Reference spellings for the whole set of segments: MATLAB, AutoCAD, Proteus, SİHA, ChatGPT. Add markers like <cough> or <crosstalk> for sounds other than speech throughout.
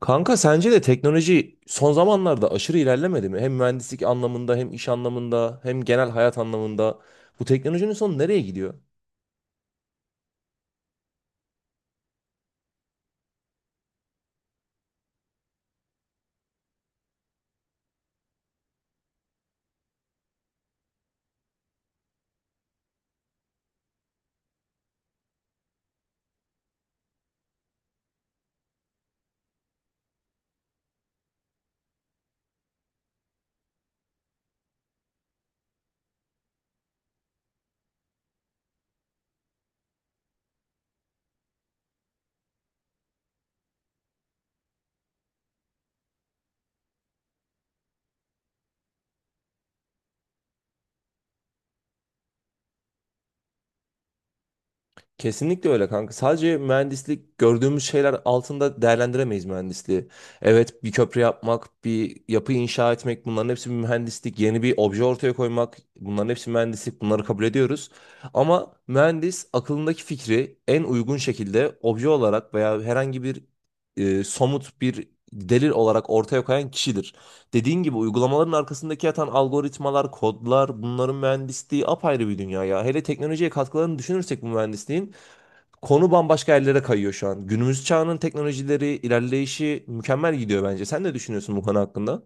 Kanka sence de teknoloji son zamanlarda aşırı ilerlemedi mi? Hem mühendislik anlamında hem iş anlamında hem genel hayat anlamında. Bu teknolojinin sonu nereye gidiyor? Kesinlikle öyle kanka. Sadece mühendislik gördüğümüz şeyler altında değerlendiremeyiz mühendisliği. Evet, bir köprü yapmak, bir yapı inşa etmek bunların hepsi bir mühendislik. Yeni bir obje ortaya koymak bunların hepsi mühendislik. Bunları kabul ediyoruz. Ama mühendis aklındaki fikri en uygun şekilde obje olarak veya herhangi bir somut bir delil olarak ortaya koyan kişidir. Dediğin gibi uygulamaların arkasındaki yatan algoritmalar, kodlar bunların mühendisliği apayrı bir dünya ya. Hele teknolojiye katkılarını düşünürsek bu mühendisliğin konu bambaşka yerlere kayıyor şu an. Günümüz çağının teknolojileri, ilerleyişi mükemmel gidiyor bence. Sen ne düşünüyorsun bu konu hakkında?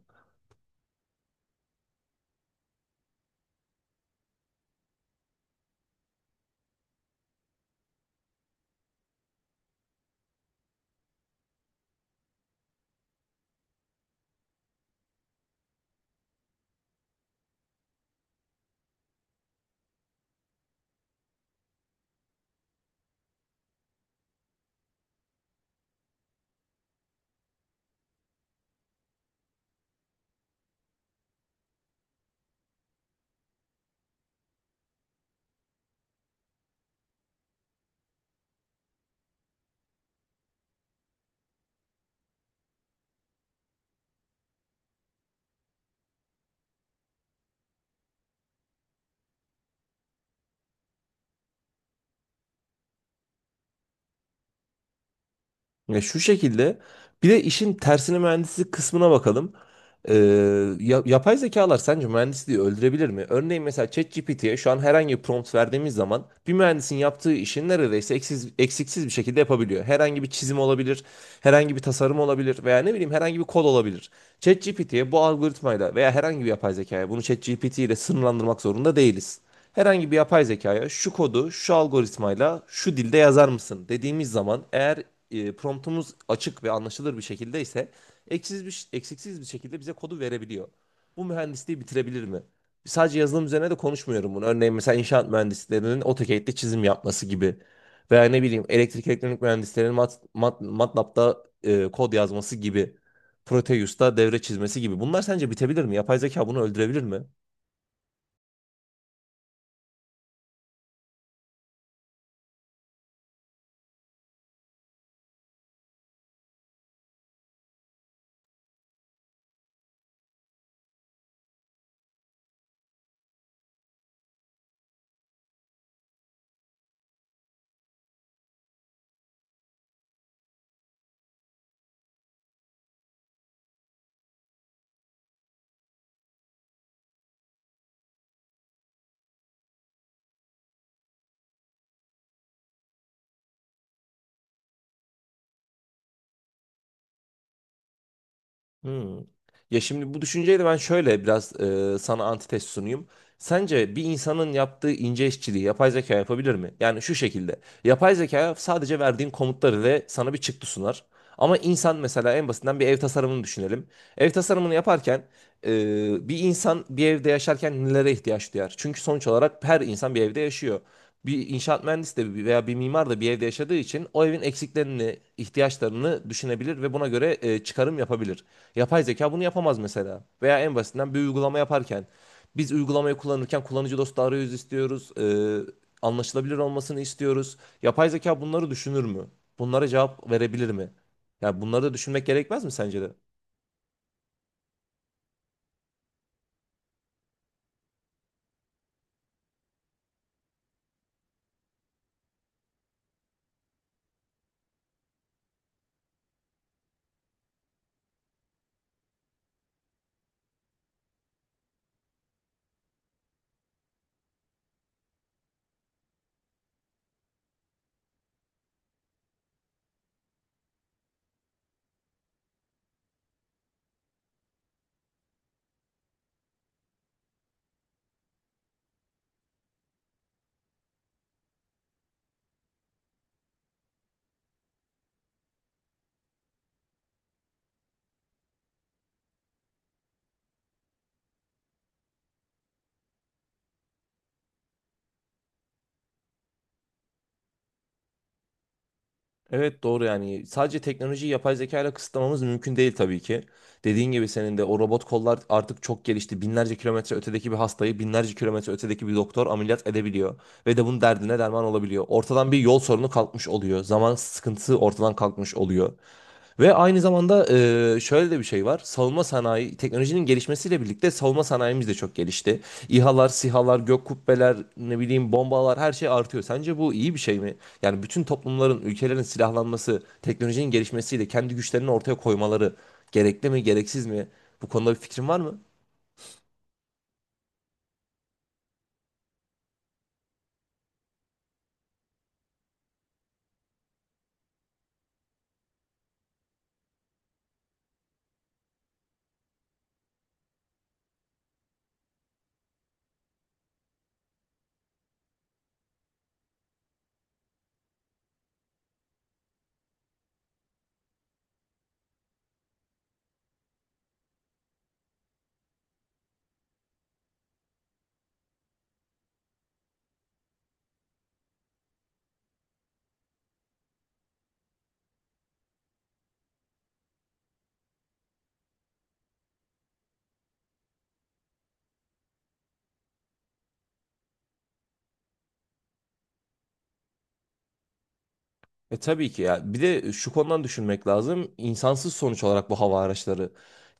Ya şu şekilde, bir de işin tersine mühendislik kısmına bakalım. Ee, Yapay zekalar sence mühendisliği öldürebilir mi? Örneğin mesela ChatGPT'ye şu an herhangi bir prompt verdiğimiz zaman bir mühendisin yaptığı işi neredeyse eksiksiz bir şekilde yapabiliyor. Herhangi bir çizim olabilir, herhangi bir tasarım olabilir veya ne bileyim herhangi bir kod olabilir. ChatGPT'ye bu algoritmayla veya herhangi bir yapay zekaya bunu ChatGPT ile sınırlandırmak zorunda değiliz. Herhangi bir yapay zekaya şu kodu şu algoritmayla şu dilde yazar mısın dediğimiz zaman, eğer promptumuz açık ve anlaşılır bir şekilde ise eksiksiz bir şekilde bize kodu verebiliyor. Bu mühendisliği bitirebilir mi? Sadece yazılım üzerine de konuşmuyorum bunu. Örneğin mesela inşaat mühendislerinin AutoCAD'de çizim yapması gibi. Veya ne bileyim elektrik elektronik mühendislerinin MATLAB'da kod yazması gibi. Proteus'ta devre çizmesi gibi. Bunlar sence bitebilir mi? Yapay zeka bunu öldürebilir mi? Hmm. Ya şimdi bu düşünceyle ben şöyle biraz sana antitez sunayım. Sence bir insanın yaptığı ince işçiliği yapay zeka yapabilir mi? Yani şu şekilde. Yapay zeka sadece verdiğin komutları ve sana bir çıktı sunar. Ama insan, mesela en basitinden bir ev tasarımını düşünelim. Ev tasarımını yaparken bir insan bir evde yaşarken nelere ihtiyaç duyar? Çünkü sonuç olarak her insan bir evde yaşıyor, bir inşaat mühendisi de veya bir mimar da bir evde yaşadığı için o evin eksiklerini, ihtiyaçlarını düşünebilir ve buna göre çıkarım yapabilir. Yapay zeka bunu yapamaz mesela. Veya en basitinden bir uygulama yaparken biz uygulamayı kullanırken kullanıcı dostu arayüz istiyoruz, anlaşılabilir olmasını istiyoruz. Yapay zeka bunları düşünür mü? Bunlara cevap verebilir mi? Ya bunları da düşünmek gerekmez mi sence de? Evet, doğru. Yani sadece teknolojiyi yapay zeka ile kısıtlamamız mümkün değil tabii ki. Dediğin gibi, senin de o robot kollar artık çok gelişti. Binlerce kilometre ötedeki bir hastayı binlerce kilometre ötedeki bir doktor ameliyat edebiliyor. Ve de bunun derdine derman olabiliyor. Ortadan bir yol sorunu kalkmış oluyor. Zaman sıkıntısı ortadan kalkmış oluyor. Ve aynı zamanda şöyle de bir şey var. Savunma sanayi, teknolojinin gelişmesiyle birlikte savunma sanayimiz de çok gelişti. İHA'lar, SİHA'lar, gök kubbeler, ne bileyim bombalar, her şey artıyor. Sence bu iyi bir şey mi? Yani bütün toplumların, ülkelerin silahlanması, teknolojinin gelişmesiyle kendi güçlerini ortaya koymaları gerekli mi, gereksiz mi? Bu konuda bir fikrin var mı? E tabii ki ya. Bir de şu konudan düşünmek lazım. İnsansız, sonuç olarak bu hava araçları.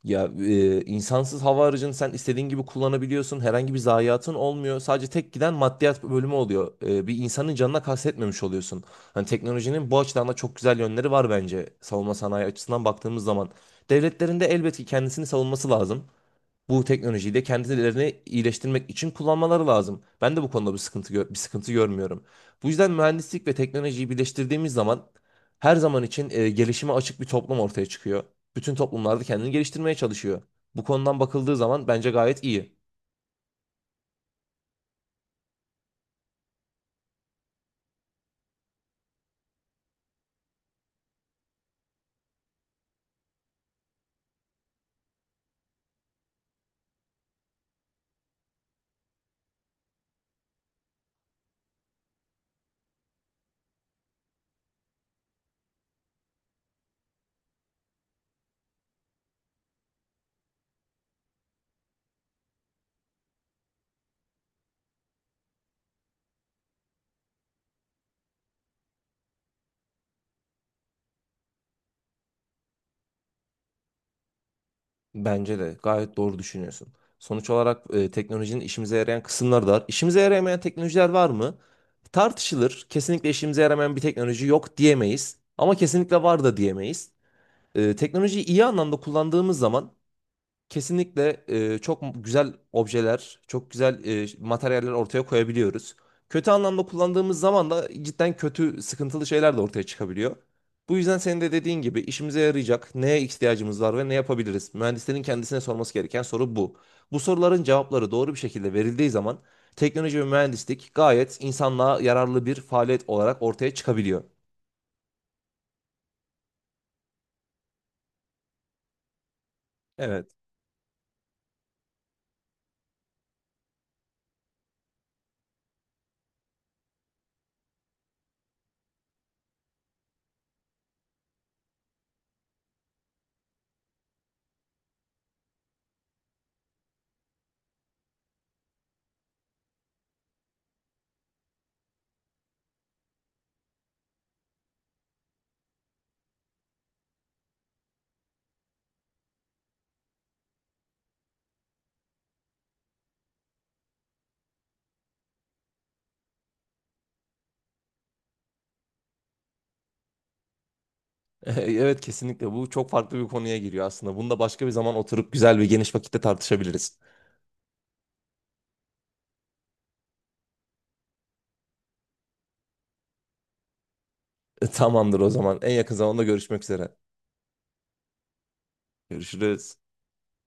Ya insansız hava aracını sen istediğin gibi kullanabiliyorsun. Herhangi bir zayiatın olmuyor. Sadece tek giden maddiyat bölümü oluyor. E, bir insanın canına kastetmemiş oluyorsun. Hani teknolojinin bu açıdan da çok güzel yönleri var bence. Savunma sanayi açısından baktığımız zaman. Devletlerin de elbette ki kendisini savunması lazım, bu teknolojiyi de kendilerini iyileştirmek için kullanmaları lazım. Ben de bu konuda bir sıkıntı görmüyorum. Bu yüzden mühendislik ve teknolojiyi birleştirdiğimiz zaman her zaman için gelişime açık bir toplum ortaya çıkıyor. Bütün toplumlarda kendini geliştirmeye çalışıyor. Bu konudan bakıldığı zaman bence gayet iyi. Bence de gayet doğru düşünüyorsun. Sonuç olarak teknolojinin işimize yarayan kısımları da var. İşimize yaramayan teknolojiler var mı? Tartışılır. Kesinlikle işimize yaramayan bir teknoloji yok diyemeyiz. Ama kesinlikle var da diyemeyiz. E, teknolojiyi iyi anlamda kullandığımız zaman kesinlikle çok güzel objeler, çok güzel materyaller ortaya koyabiliyoruz. Kötü anlamda kullandığımız zaman da cidden kötü, sıkıntılı şeyler de ortaya çıkabiliyor. Bu yüzden senin de dediğin gibi, işimize yarayacak neye ihtiyacımız var ve ne yapabiliriz? Mühendislerin kendisine sorması gereken soru bu. Bu soruların cevapları doğru bir şekilde verildiği zaman teknoloji ve mühendislik gayet insanlığa yararlı bir faaliyet olarak ortaya çıkabiliyor. Evet. <laughs> Evet, kesinlikle bu çok farklı bir konuya giriyor aslında. Bunu da başka bir zaman oturup güzel ve geniş vakitte tartışabiliriz. <laughs> E, tamamdır o zaman. En yakın zamanda görüşmek üzere. Görüşürüz.